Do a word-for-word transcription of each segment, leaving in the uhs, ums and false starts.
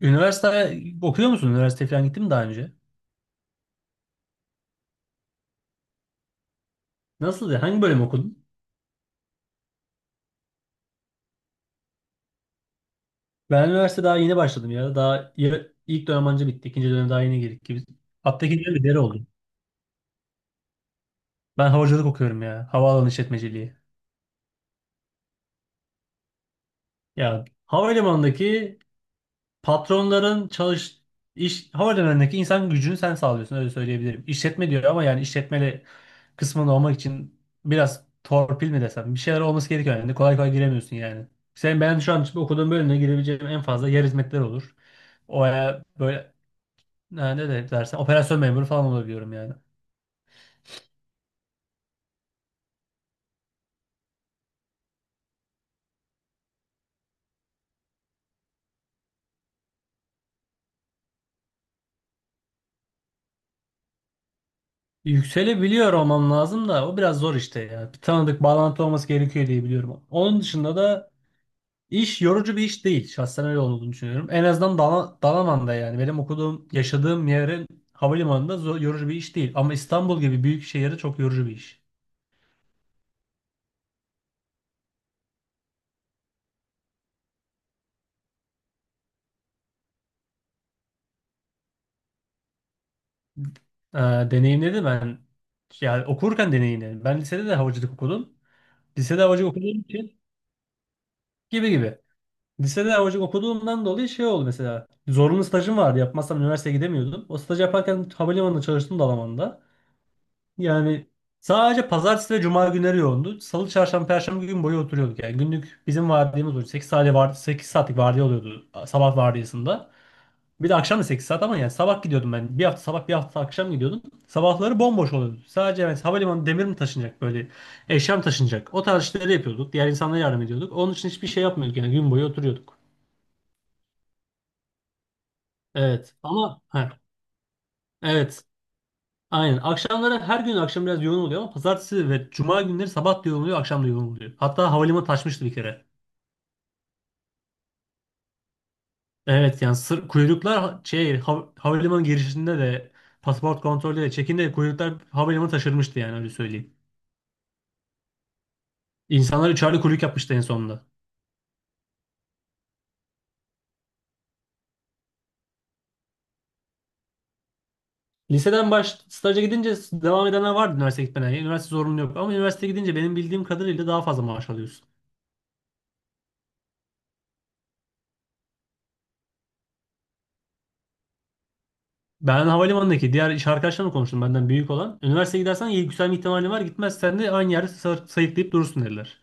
Üniversite okuyor musun? Üniversite falan gittin mi daha önce? Nasıldı? Hangi bölüm okudun? Ben üniversite daha yeni başladım ya. Daha ya- ilk dönem anca bitti. İkinci dönem daha yeni girdik gibi. Hatta ikinci dönem bir deri oldu. Ben havacılık okuyorum ya. Havaalanı işletmeciliği. Ya havalimanındaki patronların çalış iş havalimanındaki insan gücünü sen sağlıyorsun, öyle söyleyebilirim. İşletme diyor ama yani işletmeli kısmında olmak için biraz torpil mi desem, bir şeyler olması gerekiyor yani kolay kolay giremiyorsun yani. Sen ben şu an okuduğum bölümde girebileceğim en fazla yer hizmetleri olur. O, e, böyle e, ne de dersen operasyon memuru falan olabiliyorum yani. Yükselebiliyor olmam lazım da o biraz zor işte ya. Bir tanıdık bağlantı olması gerekiyor diye biliyorum. Onun dışında da İş yorucu bir iş değil. Şahsen öyle olduğunu düşünüyorum. En azından Dala- Dalaman'da yani. Benim okuduğum, yaşadığım yerin havalimanında zo- yorucu bir iş değil. Ama İstanbul gibi büyük şehirde çok yorucu bir iş. Ee, deneyimledim ben. Yani okurken deneyimledim. Ben lisede de havacılık okudum. Lisede havacılık okuduğum için gibi gibi. Lisede havacılık okuduğumdan dolayı şey oldu mesela. Zorunlu stajım vardı. Yapmazsam üniversiteye gidemiyordum. O stajı yaparken havalimanında çalıştım Dalaman'da. Yani sadece pazartesi ve cuma günleri yoğundu. Salı, çarşamba, perşembe gün boyu oturuyorduk. Yani günlük bizim vardiyamız oluyor. Sekiz saat vardı, sekiz saatlik vardiya oluyordu sabah vardiyasında. Bir de akşam da sekiz saat, ama yani sabah gidiyordum ben. Bir hafta sabah, bir hafta akşam gidiyordum. Sabahları bomboş oluyordu. Sadece yani havalimanı demir mi taşınacak, böyle eşya mı taşınacak. O tarz işleri yapıyorduk. Diğer insanlara yardım ediyorduk. Onun için hiçbir şey yapmıyorduk, yani gün boyu oturuyorduk. Evet ama he, evet. Aynen. Akşamları her gün akşam biraz yoğun oluyor, ama pazartesi ve cuma günleri sabah da yoğun oluyor, akşam da yoğun oluyor. Hatta havalimanı taşmıştı bir kere. Evet, yani sır, kuyruklar ha- şey hav- havalimanı girişinde de pasaport kontrolü de çekinde de kuyruklar havalimanı taşırmıştı, yani öyle söyleyeyim. İnsanlar üçerli kuyruk yapmıştı en sonunda. Liseden baş staja gidince devam edenler vardı üniversite gitmeden. Yani üniversite zorunlu yok, ama üniversite gidince benim bildiğim kadarıyla daha fazla maaş alıyorsun. Ben havalimanındaki diğer iş arkadaşlarımla konuştum benden büyük olan. Üniversiteye gidersen iyi yükselme ihtimalin var. Gitmezsen de aynı yerde sa- sayıklayıp durursun, dediler.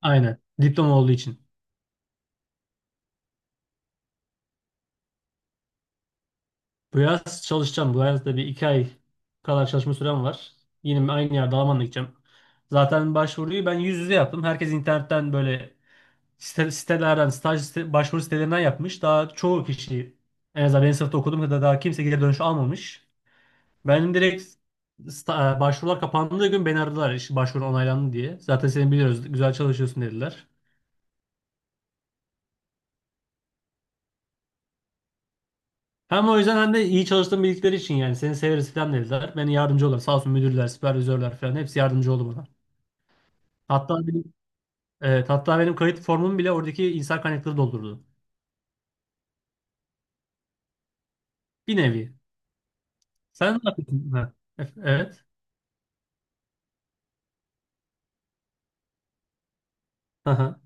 Aynen. Diploma olduğu için. Bu yaz çalışacağım. Bu yaz da bir iki ay kadar çalışma sürem var. Yine aynı yerde Almanya'ya gideceğim. Zaten başvuruyu ben yüz yüze yaptım. Herkes internetten böyle site- sitelerden, staj site- başvuru sitelerinden yapmış. Daha çoğu kişi, en azından benim sınıfta okuduğum kadar, daha kimse geri dönüş almamış. Benim direkt sta- e, başvurular kapandığı gün beni aradılar, iş başvurun onaylandı diye. Zaten seni biliyoruz, güzel çalışıyorsun, dediler. Hem o yüzden hem de iyi çalıştığım bildikleri için yani seni severiz falan dediler. Beni yardımcı oldular. Sağ olsun müdürler, süpervizörler falan hepsi yardımcı oldu bana. Hatta benim, evet, hatta benim kayıt formumu bile oradaki insan kaynakları doldurdu. Bir nevi. Sen ne yapıyorsun? Ha, e- evet. Aha.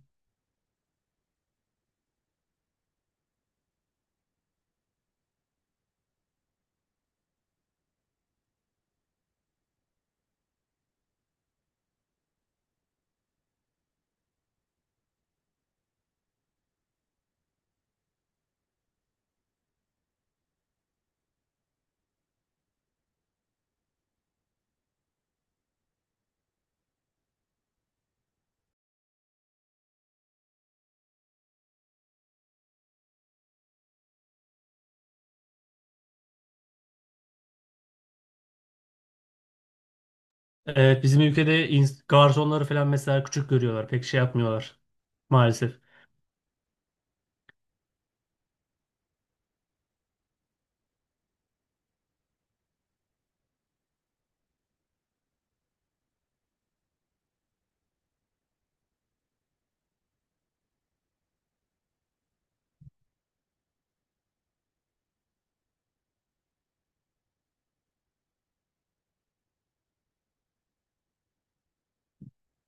Evet, bizim ülkede ins- garsonları falan mesela küçük görüyorlar. Pek şey yapmıyorlar maalesef.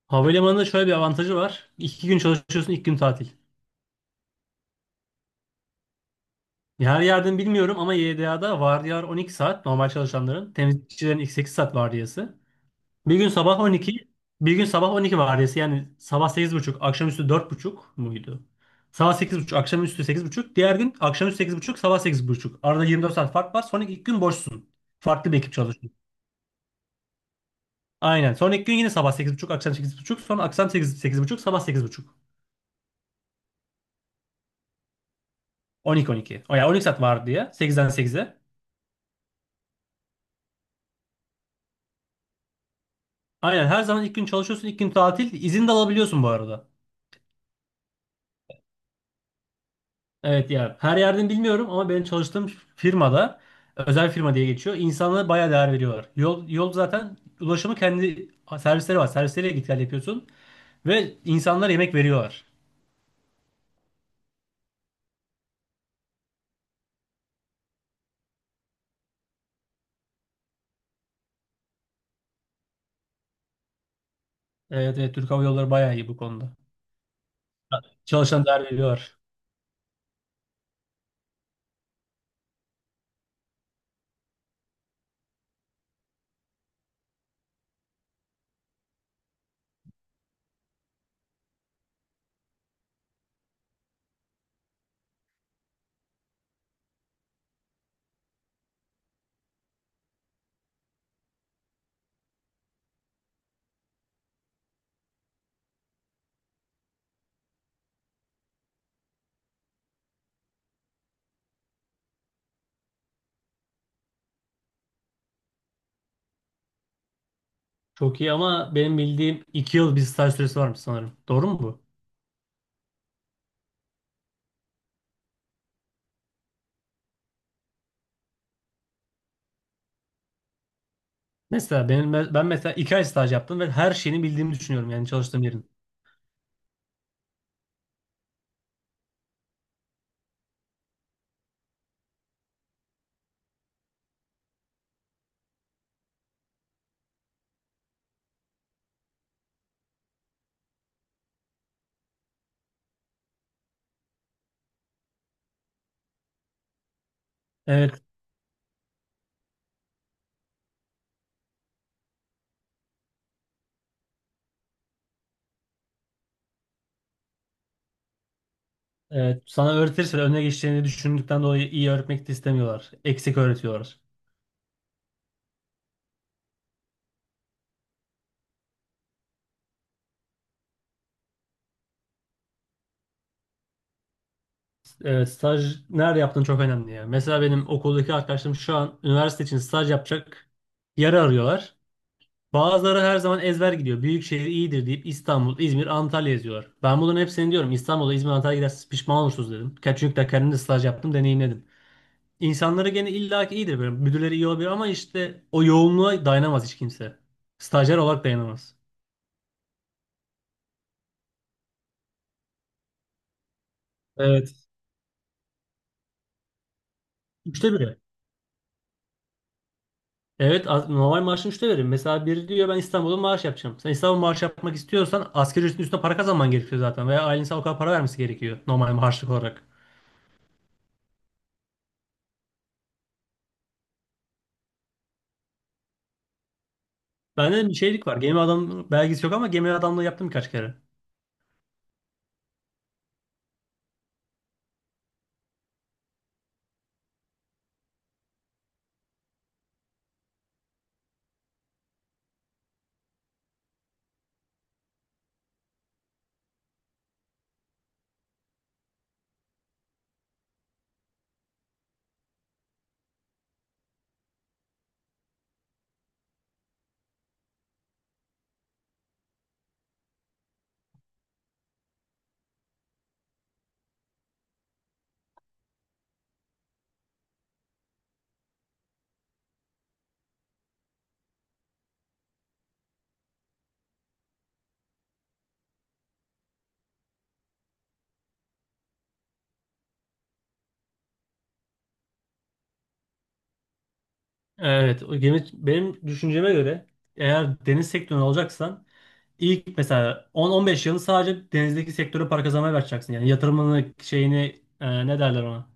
Havalimanında şöyle bir avantajı var. İki gün çalışıyorsun, iki gün tatil. Her yerden bilmiyorum ama Y D A'da vardiyalar on iki saat normal çalışanların. Temizlikçilerin ilk sekiz saat vardiyası. Bir gün sabah on iki, bir gün sabah on iki vardiyası. Yani sabah sekiz buçuk, akşamüstü dört buçuk muydu? Sabah sekiz buçuk, akşamüstü sekiz buçuk. Diğer gün akşamüstü sekiz buçuk, sabah sekiz buçuk. Arada yirmi dört saat fark var. Sonra ilk gün boşsun. Farklı bir ekip çalışıyor. Aynen. Sonra ilk gün yine sabah sekiz buçuk, akşam sekiz buçuk. Sonra akşam sekiz sekiz buçuk, sabah sekiz buçuk. On iki on iki. O yani on iki saat vardiya. Sekizden sekize. Aynen, her zaman ilk gün çalışıyorsun, ilk gün tatil. İzin de alabiliyorsun bu arada. Evet ya, her yerden bilmiyorum ama benim çalıştığım firmada özel firma diye geçiyor. İnsanlara bayağı değer veriyorlar. Yol, yol zaten ulaşımı kendi servisleri var. Servisleriyle git gel yapıyorsun ve insanlara yemek veriyorlar. Evet, evet, Türk Hava Yolları bayağı iyi bu konuda. Çalışan değer veriyorlar. Çok iyi ama benim bildiğim iki yıl bir staj süresi varmış sanırım. Doğru mu bu? Mesela benim, ben mesela iki ay staj yaptım ve her şeyini bildiğimi düşünüyorum yani çalıştığım yerin. Evet, evet. Sana öğretirse de önüne geçeceğini düşündükten dolayı iyi öğretmek de istemiyorlar. Eksik öğretiyorlar. Evet, staj nerede yaptığın çok önemli ya. Mesela benim okuldaki arkadaşlarım şu an üniversite için staj yapacak yer arıyorlar. Bazıları her zaman ezber gidiyor. Büyük şehir iyidir deyip İstanbul, İzmir, Antalya yazıyorlar. Ben bunların hepsini diyorum, İstanbul'a, İzmir, Antalya'ya giderseniz pişman olursunuz, dedim. Ka- Çünkü de kendim de staj yaptım, deneyimledim. İnsanları gene illaki iyidir böyle. Müdürleri iyi olabilir ama işte o yoğunluğa dayanamaz hiç kimse. Stajyer olarak dayanamaz. Evet. Üçte biri. Evet az- normal maaşın üçte verir. Mesela biri diyor ben İstanbul'da maaş yapacağım. Sen İstanbul maaş yapmak istiyorsan asgari ücretin üstüne para kazanman gerekiyor zaten. Veya ailen sana o kadar para vermesi gerekiyor normal maaşlık olarak. Bende de bir şeylik var. Gemi adam belgesi yok ama gemi adamlığı yaptım birkaç kere. Evet, o gemi benim düşünceme göre, eğer deniz sektörünü alacaksan ilk mesela on on beş yılını sadece denizdeki sektöre para kazanmaya başlayacaksın. Yani yatırımını şeyini, e, ne derler ona.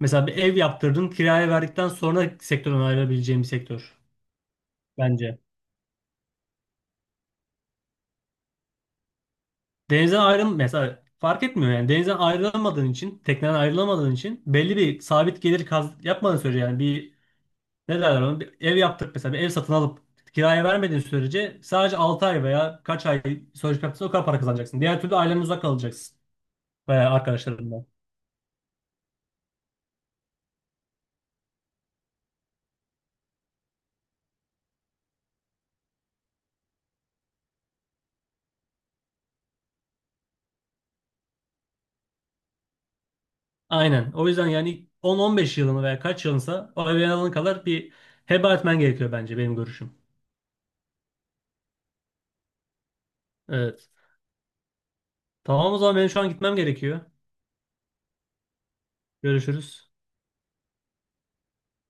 Mesela bir ev yaptırdın, kiraya verdikten sonra sektörden ayrılabileceğin bir sektör bence. Denizden ayrıl mesela, fark etmiyor yani denizden ayrılamadığın için, tekneden ayrılamadığın için belli bir sabit gelir kaz yapmadığın sürece, yani bir ne derler onu, bir ev yaptık mesela, bir ev satın alıp kiraya vermediğin sürece sadece altı ay veya kaç ay sözleşme yaptıysan o kadar para kazanacaksın. Diğer türlü ailenden uzak kalacaksın veya arkadaşlarından. Aynen. O yüzden yani on on beş yılını veya kaç yılınsa o evin alana kadar bir heba etmen gerekiyor bence, benim görüşüm. Evet. Tamam, o zaman benim şu an gitmem gerekiyor. Görüşürüz.